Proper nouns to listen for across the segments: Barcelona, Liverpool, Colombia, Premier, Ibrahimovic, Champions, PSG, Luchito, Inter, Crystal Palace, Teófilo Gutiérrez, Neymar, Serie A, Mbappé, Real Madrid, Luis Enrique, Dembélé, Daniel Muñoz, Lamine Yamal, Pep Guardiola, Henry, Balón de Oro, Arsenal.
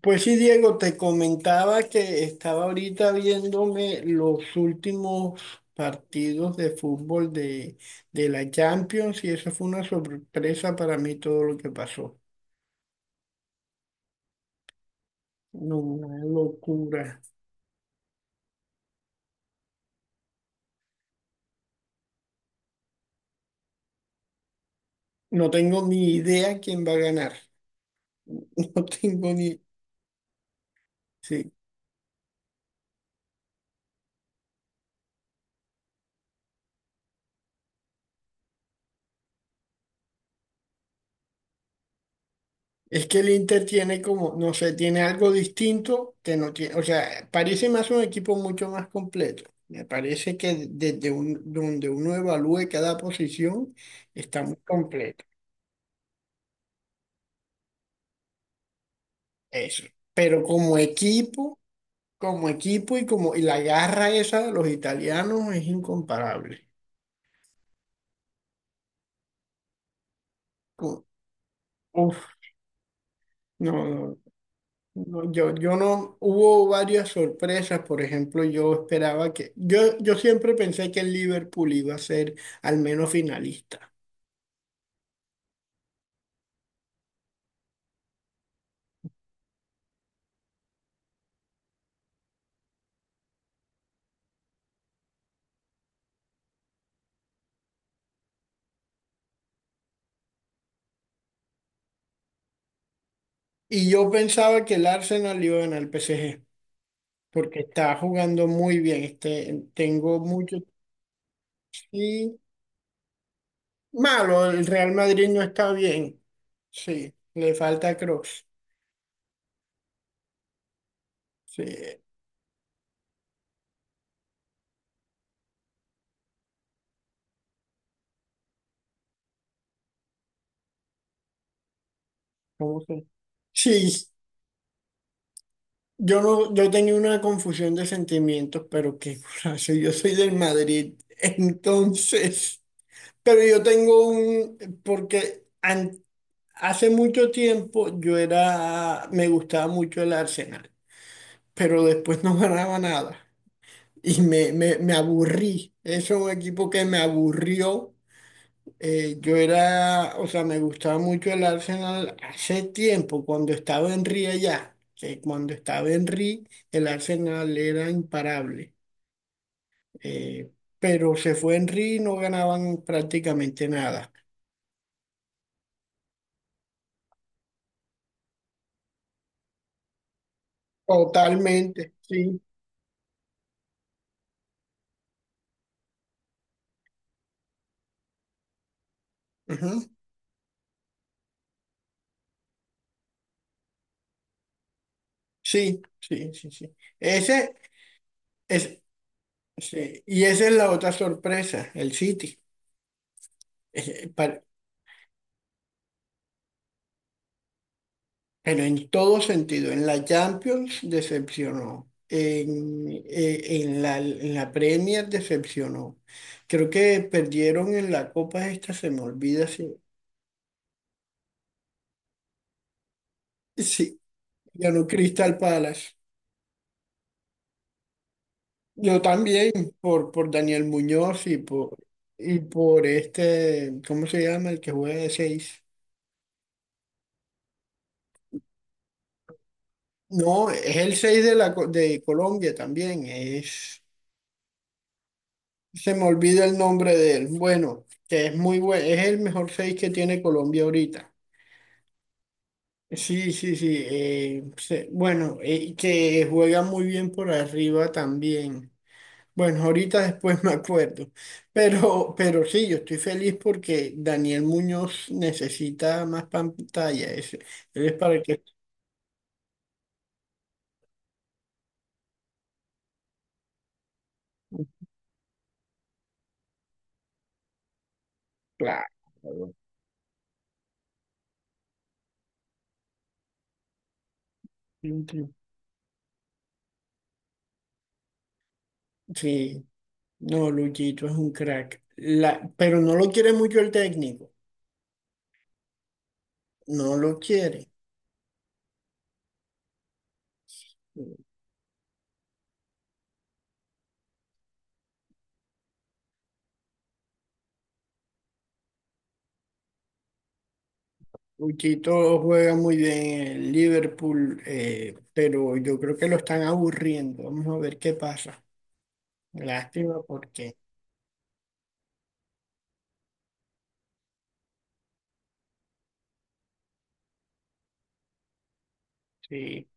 Pues sí, Diego, te comentaba que estaba ahorita viéndome los últimos partidos de fútbol de la Champions, y eso fue una sorpresa para mí todo lo que pasó. No, una locura. No tengo ni idea quién va a ganar. No tengo ni... Sí. Es que el Inter tiene como, no sé, tiene algo distinto que no tiene. O sea, parece más un equipo mucho más completo. Me parece que donde uno evalúe cada posición está muy completo. Eso. Pero como equipo y como y la garra esa de los italianos es incomparable. Cu- Uf, no, no, no. No, yo no, hubo varias sorpresas. Por ejemplo, yo siempre pensé que el Liverpool iba a ser al menos finalista. Y yo pensaba que el Arsenal iba a ganar el PSG, porque está jugando muy bien. Tengo mucho, sí, malo, el Real Madrid no está bien. Sí, le falta Cross. Sí, ¿cómo se? Sí, yo no, yo tenía una confusión de sentimientos, pero qué curazo. Yo soy del Madrid, entonces, pero yo tengo un, porque an- hace mucho tiempo me gustaba mucho el Arsenal, pero después no ganaba nada y me aburrí, es un equipo que me aburrió. Yo era, o sea, me gustaba mucho el Arsenal hace tiempo, cuando estaba Henry allá, que cuando estaba Henry, el Arsenal era imparable. Eh, pero se fue Henry y no ganaban prácticamente nada. Totalmente, sí. Ujú. Sí, sí, sí, sí. Ese es, sí. Y esa es la otra sorpresa, el City. Pero en todo sentido, en la Champions decepcionó, en la Premier decepcionó. Creo que perdieron en la Copa esta, se me olvida si, sí, ganó Crystal Palace. Yo también, por Daniel Muñoz y por este, ¿cómo se llama? El que juega de seis. No, es el 6 de, de Colombia también, es... Se me olvida el nombre de él. Bueno, que es muy bueno, es el mejor 6 que tiene Colombia ahorita. Sí, sí, sí. Bueno, que juega muy bien por arriba también. Bueno, ahorita después me acuerdo. Pero sí, yo estoy feliz porque Daniel Muñoz necesita más pantalla. Ese. Él es para que... Claro. Sí, no, Luchito es un crack. La, pero no lo quiere mucho el técnico. No lo quiere. Uchito juega muy bien en el Liverpool, pero yo creo que lo están aburriendo. Vamos a ver qué pasa. Lástima porque sí,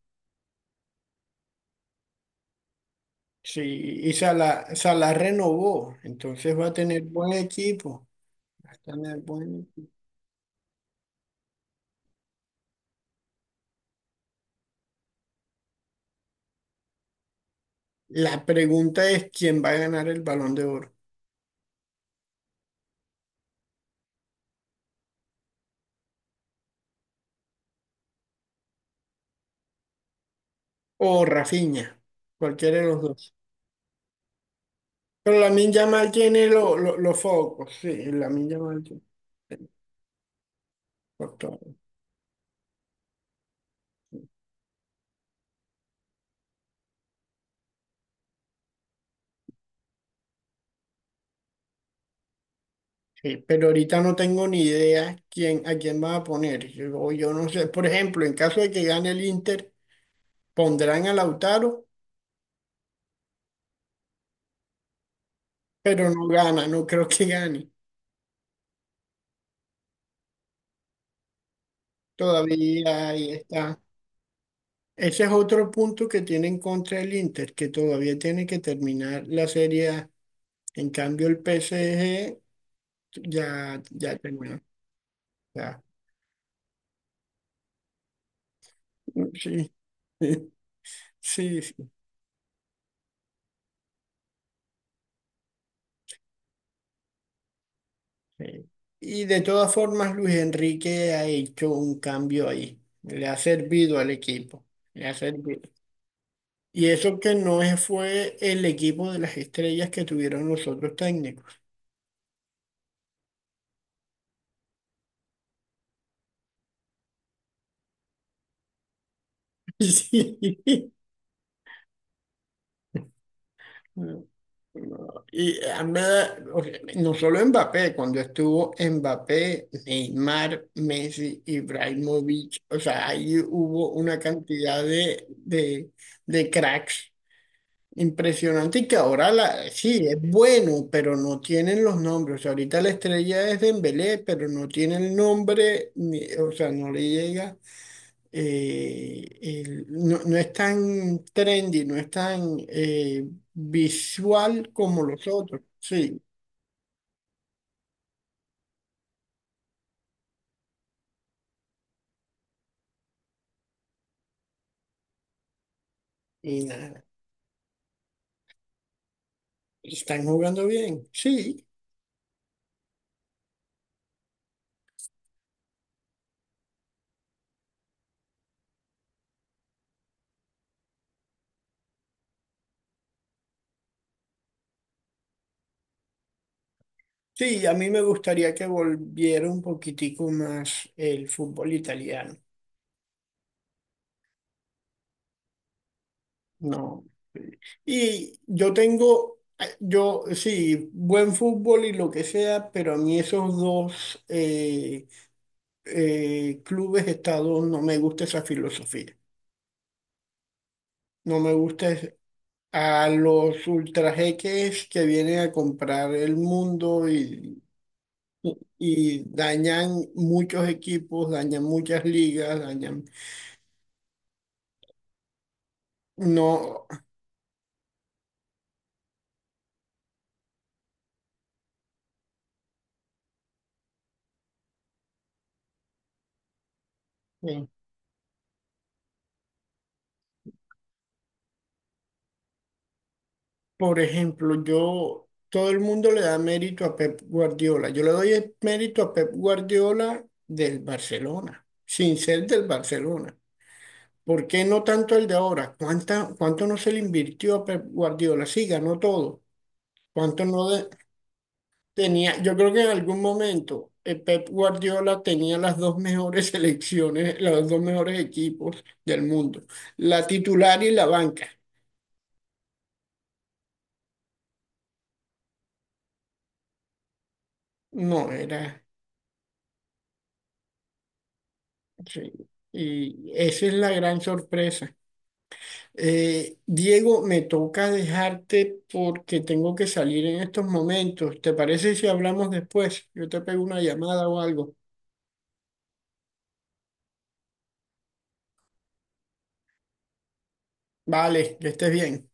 sí, y Salah, Salah renovó, entonces va a tener buen equipo. Va a tener buen equipo. La pregunta es quién va a ganar el Balón de Oro, o Rafinha, cualquiera de los dos. Pero Lamine Yamal tiene los focos, sí, Lamine Yamal tiene. Pero ahorita no tengo ni idea quién, a quién van a poner. Yo no sé. Por ejemplo, en caso de que gane el Inter, pondrán a Lautaro, pero no gana, no creo que gane. Todavía ahí está. Ese es otro punto que tiene en contra el Inter, que todavía tiene que terminar la Serie A. En cambio, el PSG ya terminó. Ya. Sí, sí, sí. Eh, y de todas formas, Luis Enrique ha hecho un cambio ahí. Le ha servido al equipo. Le ha servido. Y eso que no es- fue el equipo de las estrellas que tuvieron los otros técnicos. Sí. No, no. Y a mí o sea, no solo Mbappé, cuando estuvo Mbappé, Neymar, Messi, Ibrahimovic, o sea, ahí hubo una cantidad de cracks. Impresionante. Y que ahora la, sí, es bueno, pero no tienen los nombres. O sea, ahorita la estrella es Dembélé, pero no tiene el nombre, ni- o sea, no le llega. No, no es tan trendy, no es tan visual como los otros. Sí, y nada. Y están jugando bien. Sí, sí, a mí me gustaría que volviera un poquitico más el fútbol italiano. No. Y yo tengo, yo sí, buen fútbol y lo que sea, pero a mí esos dos clubes estados no me gusta esa filosofía. No me gusta es- a los ultrajeques que vienen a comprar el mundo y dañan muchos equipos, dañan muchas ligas, dañan... No. Por ejemplo, todo el mundo le da mérito a Pep Guardiola. Yo le doy el mérito a Pep Guardiola del Barcelona, sin ser del Barcelona. ¿Por qué no tanto el de ahora? Cuánto no se le invirtió a Pep Guardiola? Sí, ganó todo. ¿Cuánto no tenía? Yo creo que en algún momento Pep Guardiola tenía las dos mejores selecciones, los dos mejores equipos del mundo, la titular y la banca. No, era. Sí, y esa es la gran sorpresa. Diego, me toca dejarte porque tengo que salir en estos momentos. ¿Te parece si hablamos después? Yo te pego una llamada o algo. Vale, que estés bien.